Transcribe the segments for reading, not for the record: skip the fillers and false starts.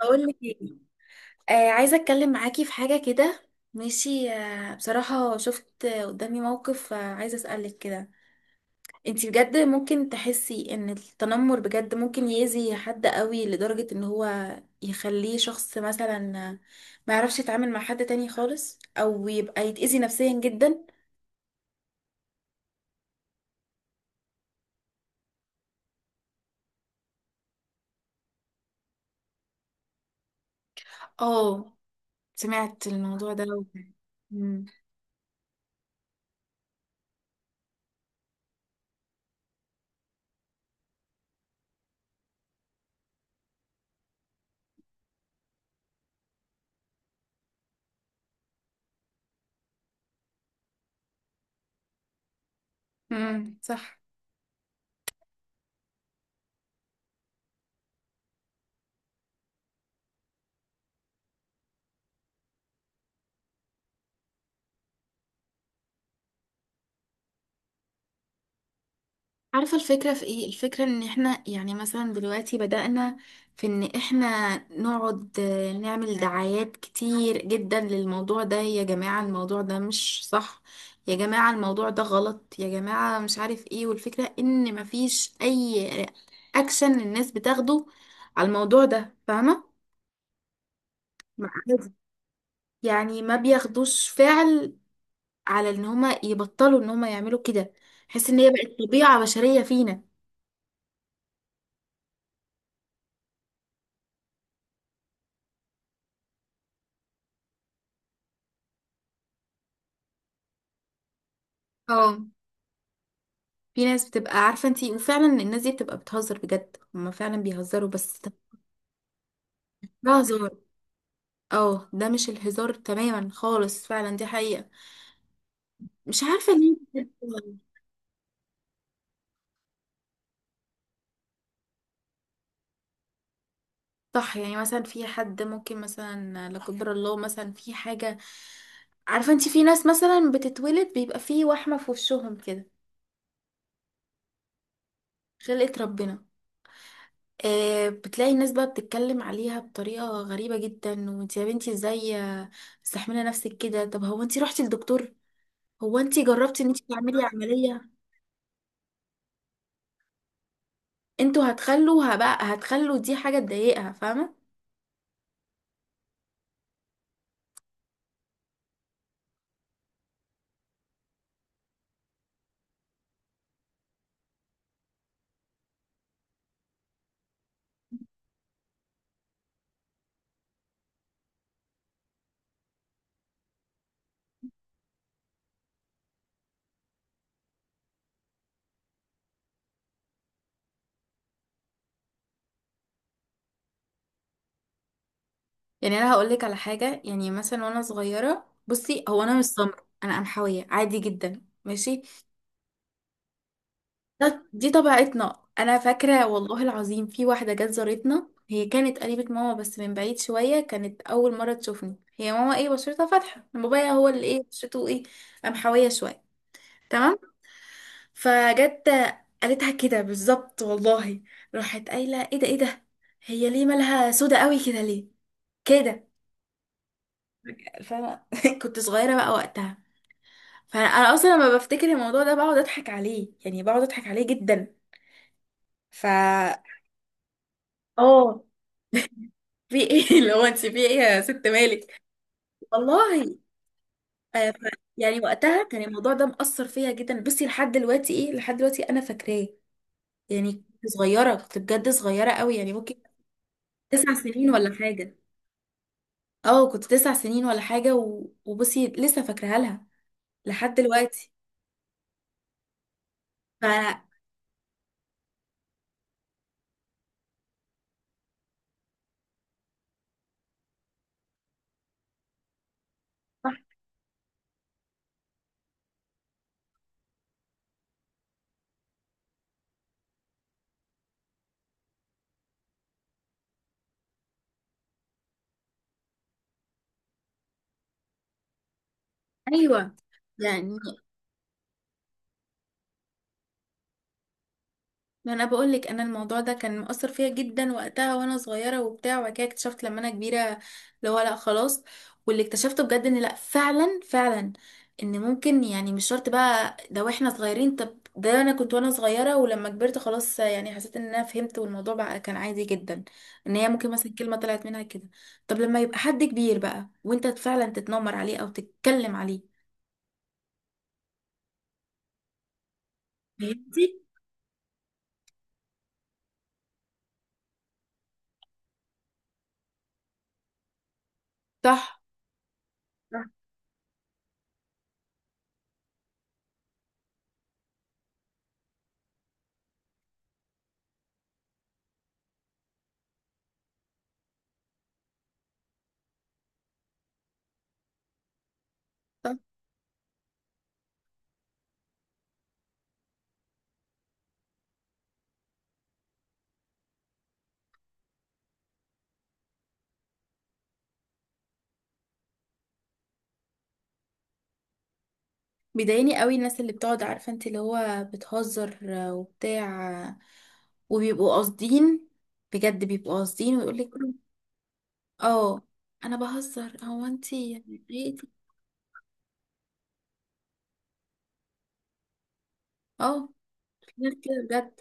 بقول لك ايه؟ عايزه اتكلم معاكي في حاجه كده. ماشي. بصراحه شفت، قدامي موقف، عايزه اسالك كده. انتي بجد ممكن تحسي ان التنمر بجد ممكن يأذي حد قوي لدرجه ان هو يخليه شخص مثلا آه، ما يعرفش يتعامل مع حد تاني خالص او يبقى يتأذي نفسيا جدا. اه، سمعت الموضوع ده. امم، صح. عارفة الفكرة في ايه؟ الفكرة ان احنا يعني مثلا دلوقتي بدأنا في ان احنا نقعد، نعمل دعايات كتير جدا للموضوع ده، يا جماعة الموضوع ده مش صح، يا جماعة الموضوع ده غلط، يا جماعة مش عارف ايه. والفكرة ان مفيش اي اكشن الناس بتاخده على الموضوع ده، فاهمة؟ مع- يعني ما بياخدوش فعل على ان هما يبطلوا ان هما يعملوا كده. حس ان هي بقت طبيعة بشرية فينا. اه، في ناس بتبقى عارفة انتي، وفعلا الناس دي بتبقى بتهزر بجد، هما فعلا بيهزروا بس. ده هزار. اه، ده مش الهزار تماما خالص، فعلا دي حقيقة. مش عارفة ليه. بجد. صح، يعني مثلا في حد ممكن مثلا لا قدر الله مثلا في حاجة، عارفة انتي، في ناس مثلا بتتولد بيبقى في وحمة في وشهم كده. خلقة ربنا. بتلاقي الناس بقى بتتكلم عليها بطريقة غريبة جدا، وانتي يا بنتي ازاي مستحملة نفسك كده؟ طب هو انتي رحتي للدكتور؟ هو انت جربتي ان انت تعملي عملية؟ انتوا هتخلوا دي حاجة تضايقها، فاهمة. يعني انا هقولك على حاجة، يعني مثلا وانا صغيرة، بصي، هو انا مش سمر، انا قمحوية عادي جدا، ماشي. دي طبيعتنا. انا فاكرة والله العظيم، في واحدة جت زارتنا، هي كانت قريبة ماما بس من بعيد شوية، كانت اول مرة تشوفني. هي ماما ايه بشرتها فاتحة، بابايا هو اللي ايه بشرته ايه، قمحوية شوية، تمام. فجت قالتها كده بالظبط والله، راحت قايله ايه ده ايه ده، هي ليه مالها سودا قوي كده، ليه كده. فانا كنت صغيره بقى وقتها. فانا اصلا لما بفتكر الموضوع ده بقعد اضحك عليه، يعني بقعد اضحك عليه جدا. ف اه في ايه اللي هو انت في ايه يا ست مالك، والله. آه، ف- يعني وقتها كان الموضوع ده مأثر فيا جدا، بصي لحد دلوقتي، ايه لحد دلوقتي انا فاكراه. يعني كنت صغيره، كنت بجد صغيره قوي، يعني ممكن 9 سنين ولا حاجه. اه، كنت 9 سنين ولا حاجة، و... وبصي لسه فاكراها لها لحد دلوقتي. ف... ايوه، يعني ما انا بقول لك انا الموضوع ده كان مؤثر فيا جدا وقتها وانا صغيره وبتاع، وبعد كده اكتشفت لما انا كبيره اللي هو لا خلاص. واللي اكتشفته بجد ان لا، فعلا فعلا ان ممكن، يعني مش شرط بقى ده واحنا صغيرين. طب ده انا كنت وانا صغيره، ولما كبرت خلاص يعني حسيت ان انا فهمت، والموضوع بقى كان عادي جدا. ان هي ممكن مثلا كلمه طلعت منها كده. طب لما يبقى حد كبير بقى وانت فعلا تتنمر عليه او تتكلم عليه، فهمتي. صح. صح، بيضايقني قوي الناس اللي بتقعد عارفة انت اللي هو بتهزر وبتاع، وبيبقوا قاصدين، بجد بيبقوا قاصدين ويقولك اه انا بهزر، هو انت يعني. عادي. اه، في ناس كده بجد.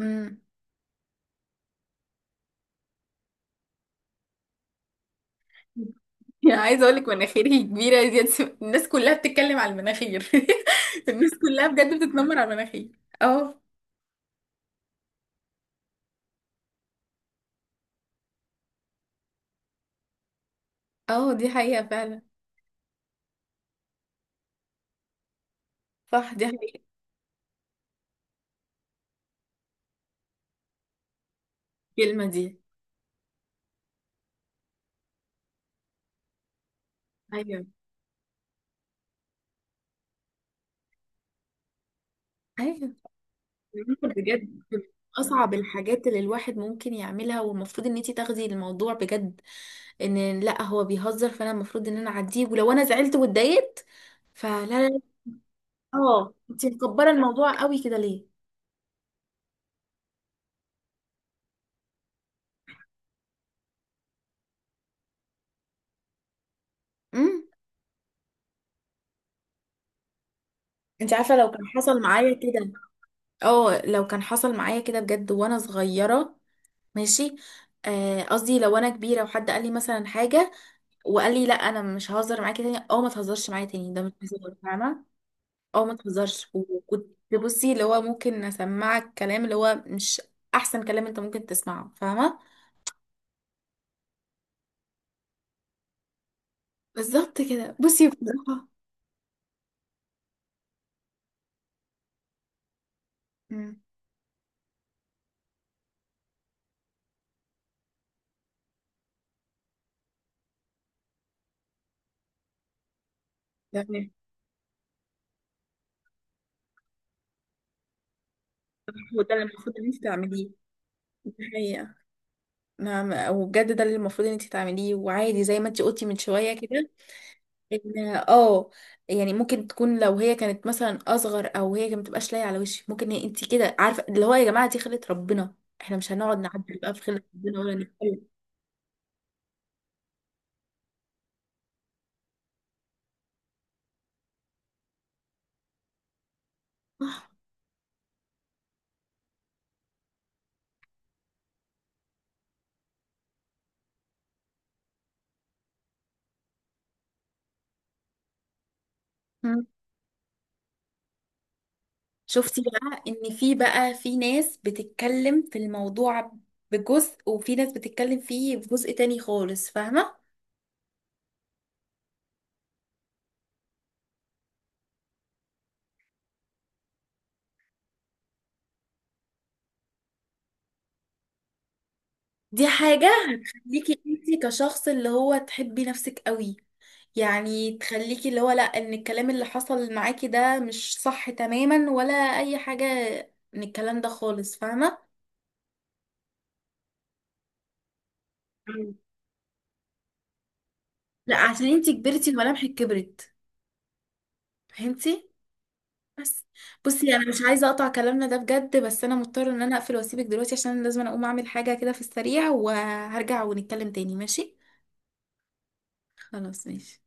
امم. يعني عايزة اقولك مناخيري كبيرة دي الناس كلها بتتكلم على المناخير، الناس كلها بجد بتتنمر على المناخير. اه. اه، دي حقيقة فعلا. صح، دي حقيقة الكلمة دي. ايوه، ايوه، بجد من اصعب الحاجات اللي الواحد ممكن يعملها. والمفروض ان انتي تاخدي الموضوع بجد، ان لا هو بيهزر فانا المفروض ان انا اعديه، ولو انا زعلت واتضايقت فلا، لا، لا. اه، انتي مكبره الموضوع قوي كده ليه؟ امم. انتي عارفه لو كان حصل معايا كده، اه، لو كان حصل معايا كده بجد وانا صغيره، ماشي، قصدي لو انا كبيره وحد قال لي مثلا حاجه، وقال لي لا، انا مش ههزر معاكي تاني، اه ما تهزرش معايا تاني ده مش هزار، فاهمه. اه، ما تهزرش. وكنت، بصي، اللي هو ممكن اسمعك كلام اللي هو مش احسن كلام انت ممكن تسمعه، فاهمه. بالظبط كده، بصي بصراحه. امم، تمام. هو ده اللي المفروض ان انت تعمليه، دي حقيقه. نعم، وبجد ده اللي المفروض ان انت تعمليه، وعادي زي ما انت قلتي من شويه كده، ان اه يعني ممكن تكون لو هي كانت مثلا اصغر، او هي ما تبقاش لايقه على وشك، ممكن هي انت كده عارفه اللي هو يا جماعه دي خلقه ربنا، احنا مش هنقعد نعدل بقى في خلقه ربنا ولا نتكلم. شفتي بقى ان في ناس بتتكلم في الموضوع بجزء، وفي ناس بتتكلم فيه بجزء تاني خالص، فاهمة. دي حاجة تخليكي انتي كشخص اللي هو تحبي نفسك قوي، يعني تخليكي اللي هو لا، ان الكلام اللي حصل معاكي ده مش صح تماما، ولا اي حاجة من الكلام ده خالص، فاهمة. مم. لا، عشان انتي كبرتي وملامحك كبرت، فهمتي. بس، بصي، انا مش عايزه اقطع كلامنا ده بجد، بس انا مضطره ان انا اقفل واسيبك دلوقتي عشان أنا لازم اقوم اعمل حاجه كده في السريع، وهرجع ونتكلم تاني، ماشي. خلاص، ماشي.